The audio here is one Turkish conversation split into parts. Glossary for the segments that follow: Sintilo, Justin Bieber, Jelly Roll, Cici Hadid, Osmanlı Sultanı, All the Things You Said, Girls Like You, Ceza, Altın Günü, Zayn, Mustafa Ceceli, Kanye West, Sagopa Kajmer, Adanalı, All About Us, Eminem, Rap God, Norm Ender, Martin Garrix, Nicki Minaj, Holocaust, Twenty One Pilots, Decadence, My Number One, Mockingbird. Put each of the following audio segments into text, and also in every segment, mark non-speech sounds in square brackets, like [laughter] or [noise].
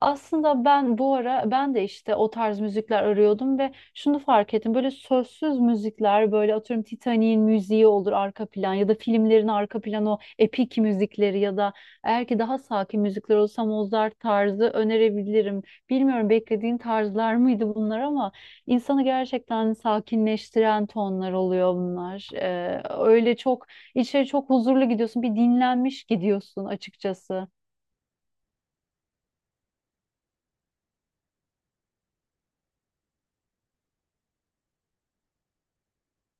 Aslında ben bu ara ben de işte o tarz müzikler arıyordum ve şunu fark ettim. Böyle sözsüz müzikler böyle atıyorum Titanic'in müziği olur arka plan ya da filmlerin arka planı o epik müzikleri ya da eğer ki daha sakin müzikler olsa Mozart tarzı önerebilirim. Bilmiyorum beklediğin tarzlar mıydı bunlar ama insanı gerçekten sakinleştiren tonlar oluyor bunlar. Öyle çok içeri çok huzurlu gidiyorsun bir dinlenmiş gidiyorsun açıkçası.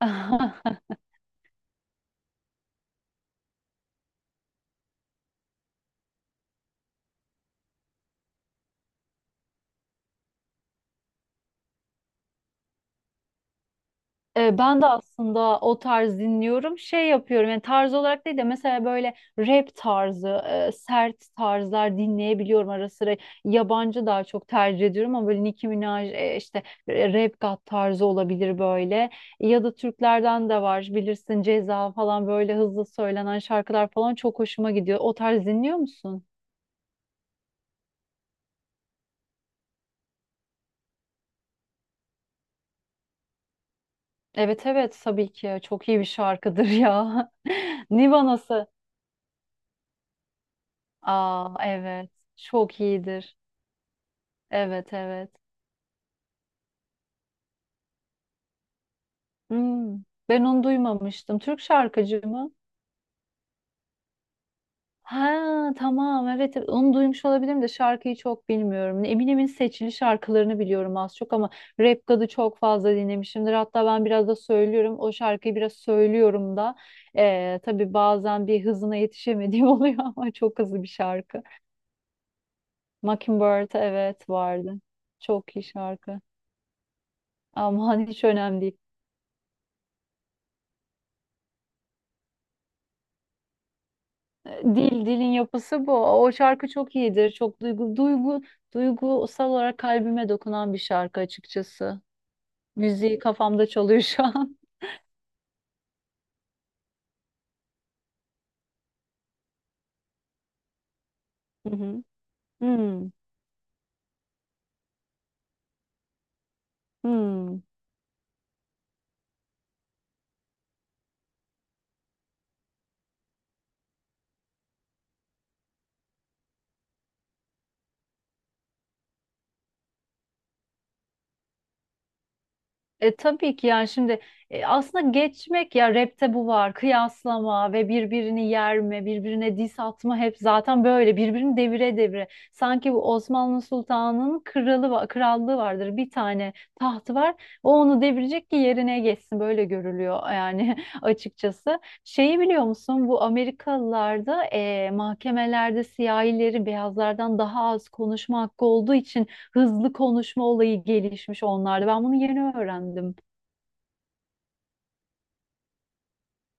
[laughs] Ben de aslında o tarz dinliyorum. Şey yapıyorum yani tarz olarak değil de mesela böyle rap tarzı, sert tarzlar dinleyebiliyorum ara sıra. Yabancı daha çok tercih ediyorum ama böyle Nicki Minaj işte Rap God tarzı olabilir böyle. Ya da Türklerden de var bilirsin Ceza falan böyle hızlı söylenen şarkılar falan çok hoşuma gidiyor. O tarz dinliyor musun? Evet, evet, tabii ki çok iyi bir şarkıdır ya. [laughs] Niva nasıl? Aa, evet, çok iyidir. Evet, evet. Hmm, ben onu duymamıştım. Türk şarkıcı mı? Ha, tamam, evet, evet. Onu duymuş olabilirim de şarkıyı çok bilmiyorum. Eminem'in seçili şarkılarını biliyorum az çok ama Rap God'u çok fazla dinlemişimdir. Hatta ben biraz da söylüyorum. O şarkıyı biraz söylüyorum da. Tabii bazen bir hızına yetişemediğim [laughs] oluyor ama çok hızlı bir şarkı. Mockingbird, evet, vardı. Çok iyi şarkı. Aman, hiç önemli değil. Dilin yapısı bu. O şarkı çok iyidir. Çok duygusal olarak kalbime dokunan bir şarkı açıkçası. Müziği kafamda çalıyor şu an. [laughs] Hı hı. Hmm, hmm. Tabii ki yani şimdi aslında geçmek ya, rapte bu var, kıyaslama ve birbirini yerme, birbirine diss atma, hep zaten böyle birbirini devire devire. Sanki bu Osmanlı Sultanı'nın krallığı vardır, bir tane tahtı var, o onu devirecek ki yerine geçsin, böyle görülüyor yani [laughs] açıkçası. Şeyi biliyor musun, bu Amerikalılarda mahkemelerde siyahilerin beyazlardan daha az konuşma hakkı olduğu için hızlı konuşma olayı gelişmiş onlarda. Ben bunu yeni öğrendim.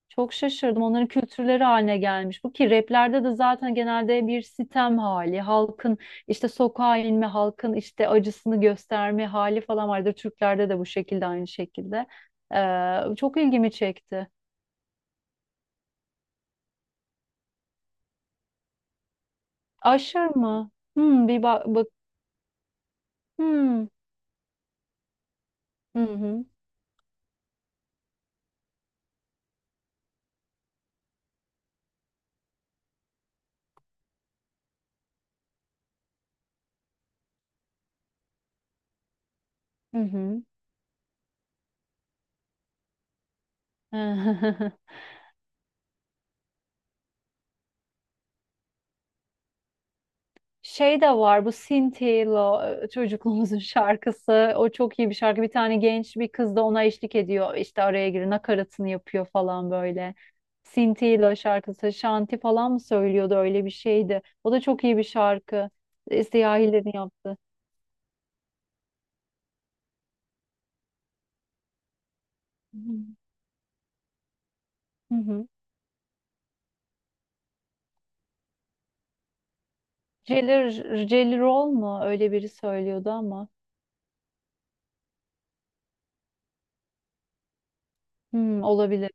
Çok şaşırdım. Onların kültürleri haline gelmiş. Bu ki raplerde de zaten genelde bir sitem hali, halkın işte sokağa inme, halkın işte acısını gösterme hali falan vardır. Türklerde de bu şekilde, aynı şekilde. Çok ilgimi çekti. Aşır mı? Bir bak, bak. Hmm. Hı hı. Hı hı. [laughs] Şey de var, bu Sintilo çocukluğumuzun [laughs] şarkısı. O çok iyi bir şarkı. Bir tane genç bir kız da ona eşlik ediyor. İşte araya girip nakaratını yapıyor falan böyle. Sintilo şarkısı. Şanti falan mı söylüyordu, öyle bir şeydi. O da çok iyi bir şarkı. Siyahilerin yaptı. Hı hı. Jelly, Jelly Roll mu? Öyle biri söylüyordu ama. Olabilir.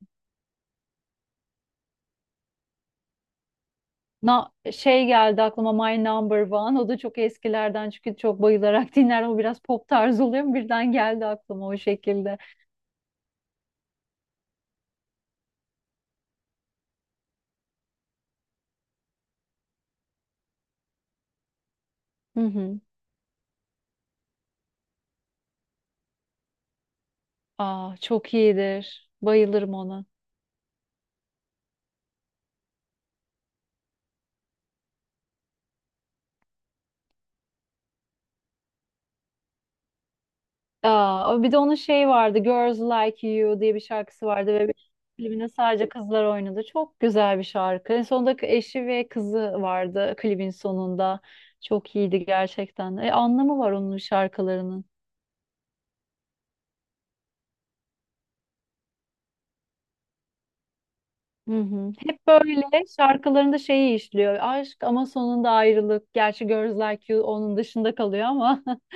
Şey geldi aklıma, My Number One. O da çok eskilerden çünkü çok bayılarak [laughs] dinler. O biraz pop tarzı oluyor ama birden geldi aklıma o şekilde. Hı hı. Aa, çok iyidir. Bayılırım ona. Aa, bir de onun şey vardı. Girls Like You diye bir şarkısı vardı ve klibinde sadece kızlar oynadı. Çok güzel bir şarkı. En sonunda eşi ve kızı vardı klibin sonunda. Çok iyiydi gerçekten. Anlamı var onun şarkılarının. Hı hı. Hep böyle şarkılarında şeyi işliyor. Aşk ama sonunda ayrılık. Gerçi Girls Like You onun dışında kalıyor ama. [laughs]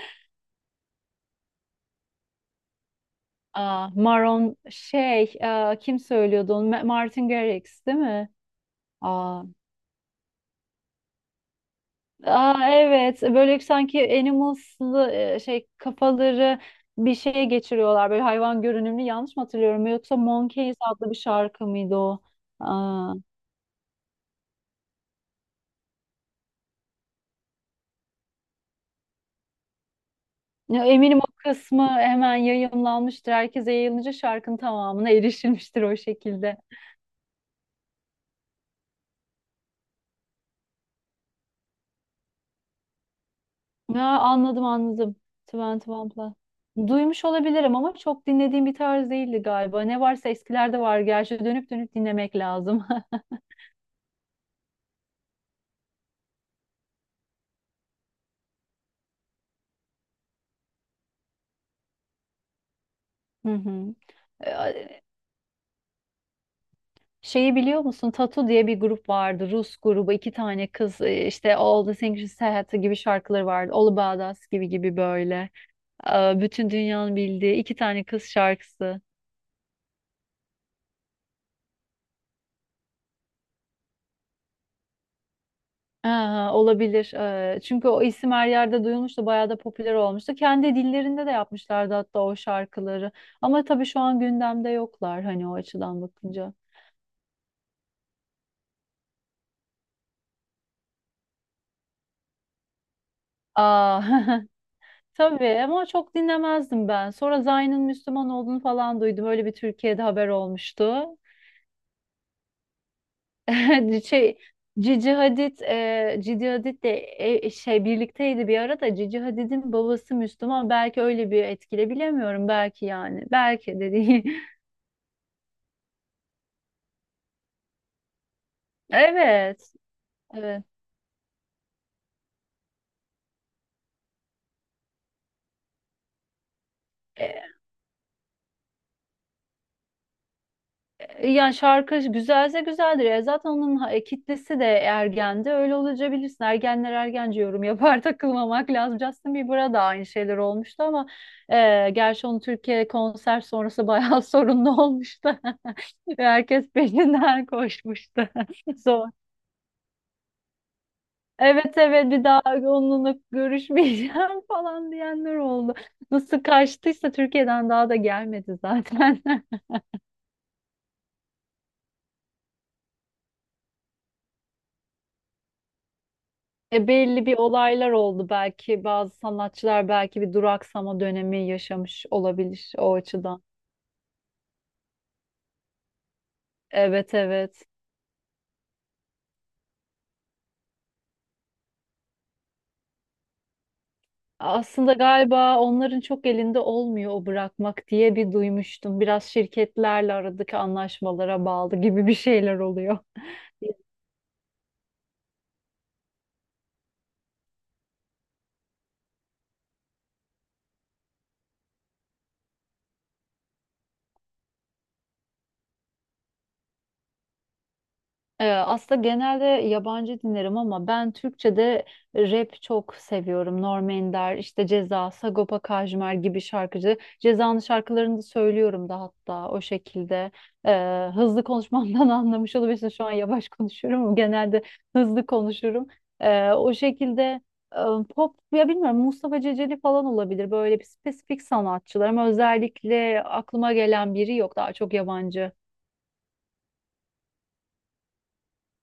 Aa, Maron şey kim söylüyordu onu? Martin Garrix değil mi? Aa, aa, evet, böyle sanki Animals'lı şey kafaları bir şeye geçiriyorlar. Böyle hayvan görünümlü, yanlış mı hatırlıyorum? Yoksa Monkeys adlı bir şarkı mıydı o? Aa, ya eminim o kısmı hemen yayımlanmıştır. Herkese yayılınca şarkının tamamına erişilmiştir o şekilde. Ya, anladım, anladım. Twenty One Pilots. Duymuş olabilirim ama çok dinlediğim bir tarz değildi galiba. Ne varsa eskilerde var. Gerçi dönüp dönüp dinlemek lazım. [laughs] Hı hı. Ee, Şeyi biliyor musun? Tatu diye bir grup vardı. Rus grubu. İki tane kız, işte All the Things You Said gibi şarkıları vardı. All About Us gibi gibi böyle. Bütün dünyanın bildiği iki tane kız şarkısı. Aha, olabilir. Çünkü o isim her yerde duyulmuştu, bayağı da popüler olmuştu. Kendi dillerinde de yapmışlardı hatta o şarkıları. Ama tabii şu an gündemde yoklar hani, o açıdan bakınca. Aa, [laughs] tabii ama çok dinlemezdim ben. Sonra Zayn'ın Müslüman olduğunu falan duydum. Öyle bir Türkiye'de haber olmuştu. [laughs] Şey, Cici Hadid de şey birlikteydi bir ara da, Cici Hadid'in babası Müslüman. Belki öyle bir etkile, bilemiyorum. Belki yani. Belki de değil. [laughs] Evet. Evet. E, yani şarkı güzelse güzeldir. Zaten onun kitlesi de ergendi. Öyle olunca bilirsin. Ergenler ergence yorum yapar, [laughs] takılmamak lazım. Justin Bieber'a da aynı şeyler olmuştu ama gerçi onun Türkiye konser sonrası bayağı [laughs] sorunlu olmuştu. [laughs] Herkes peşinden koşmuştu. [laughs] Zor. Evet, evet, bir daha onunla görüşmeyeceğim [laughs] falan diyenler oldu. Nasıl kaçtıysa Türkiye'den daha da gelmedi zaten. [laughs] Belli bir olaylar oldu, belki bazı sanatçılar belki bir duraksama dönemi yaşamış olabilir o açıdan. Evet, evet. Aslında galiba onların çok elinde olmuyor o bırakmak diye, bir duymuştum. Biraz şirketlerle aradaki anlaşmalara bağlı gibi bir şeyler oluyor. [laughs] Aslında genelde yabancı dinlerim ama ben Türkçe'de rap çok seviyorum. Norm Ender, işte Ceza, Sagopa Kajmer gibi şarkıcı. Ceza'nın şarkılarını da söylüyorum da hatta o şekilde. Hızlı konuşmamdan [laughs] anlamış olabilirsin. Şu an yavaş konuşuyorum ama genelde hızlı konuşurum. O şekilde e, pop ya bilmiyorum, Mustafa Ceceli falan olabilir. Böyle bir spesifik sanatçılar ama özellikle aklıma gelen biri yok. Daha çok yabancı.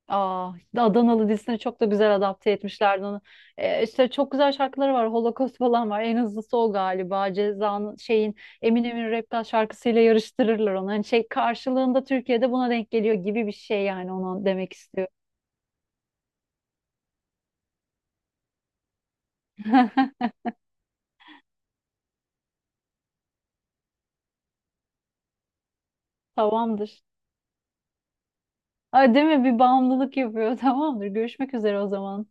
Aa, işte Adanalı dizisine çok da güzel adapte etmişlerdi onu. İşte çok güzel şarkıları var. Holocaust falan var. En hızlısı o galiba. Ceza'nın şeyin, Eminem'in Rap God şarkısıyla yarıştırırlar onu. Hani şey karşılığında Türkiye'de buna denk geliyor gibi bir şey yani, ona demek istiyor. [laughs] Tamamdır. Ay, değil mi? Bir bağımlılık yapıyor. [laughs] Tamamdır. Görüşmek üzere o zaman.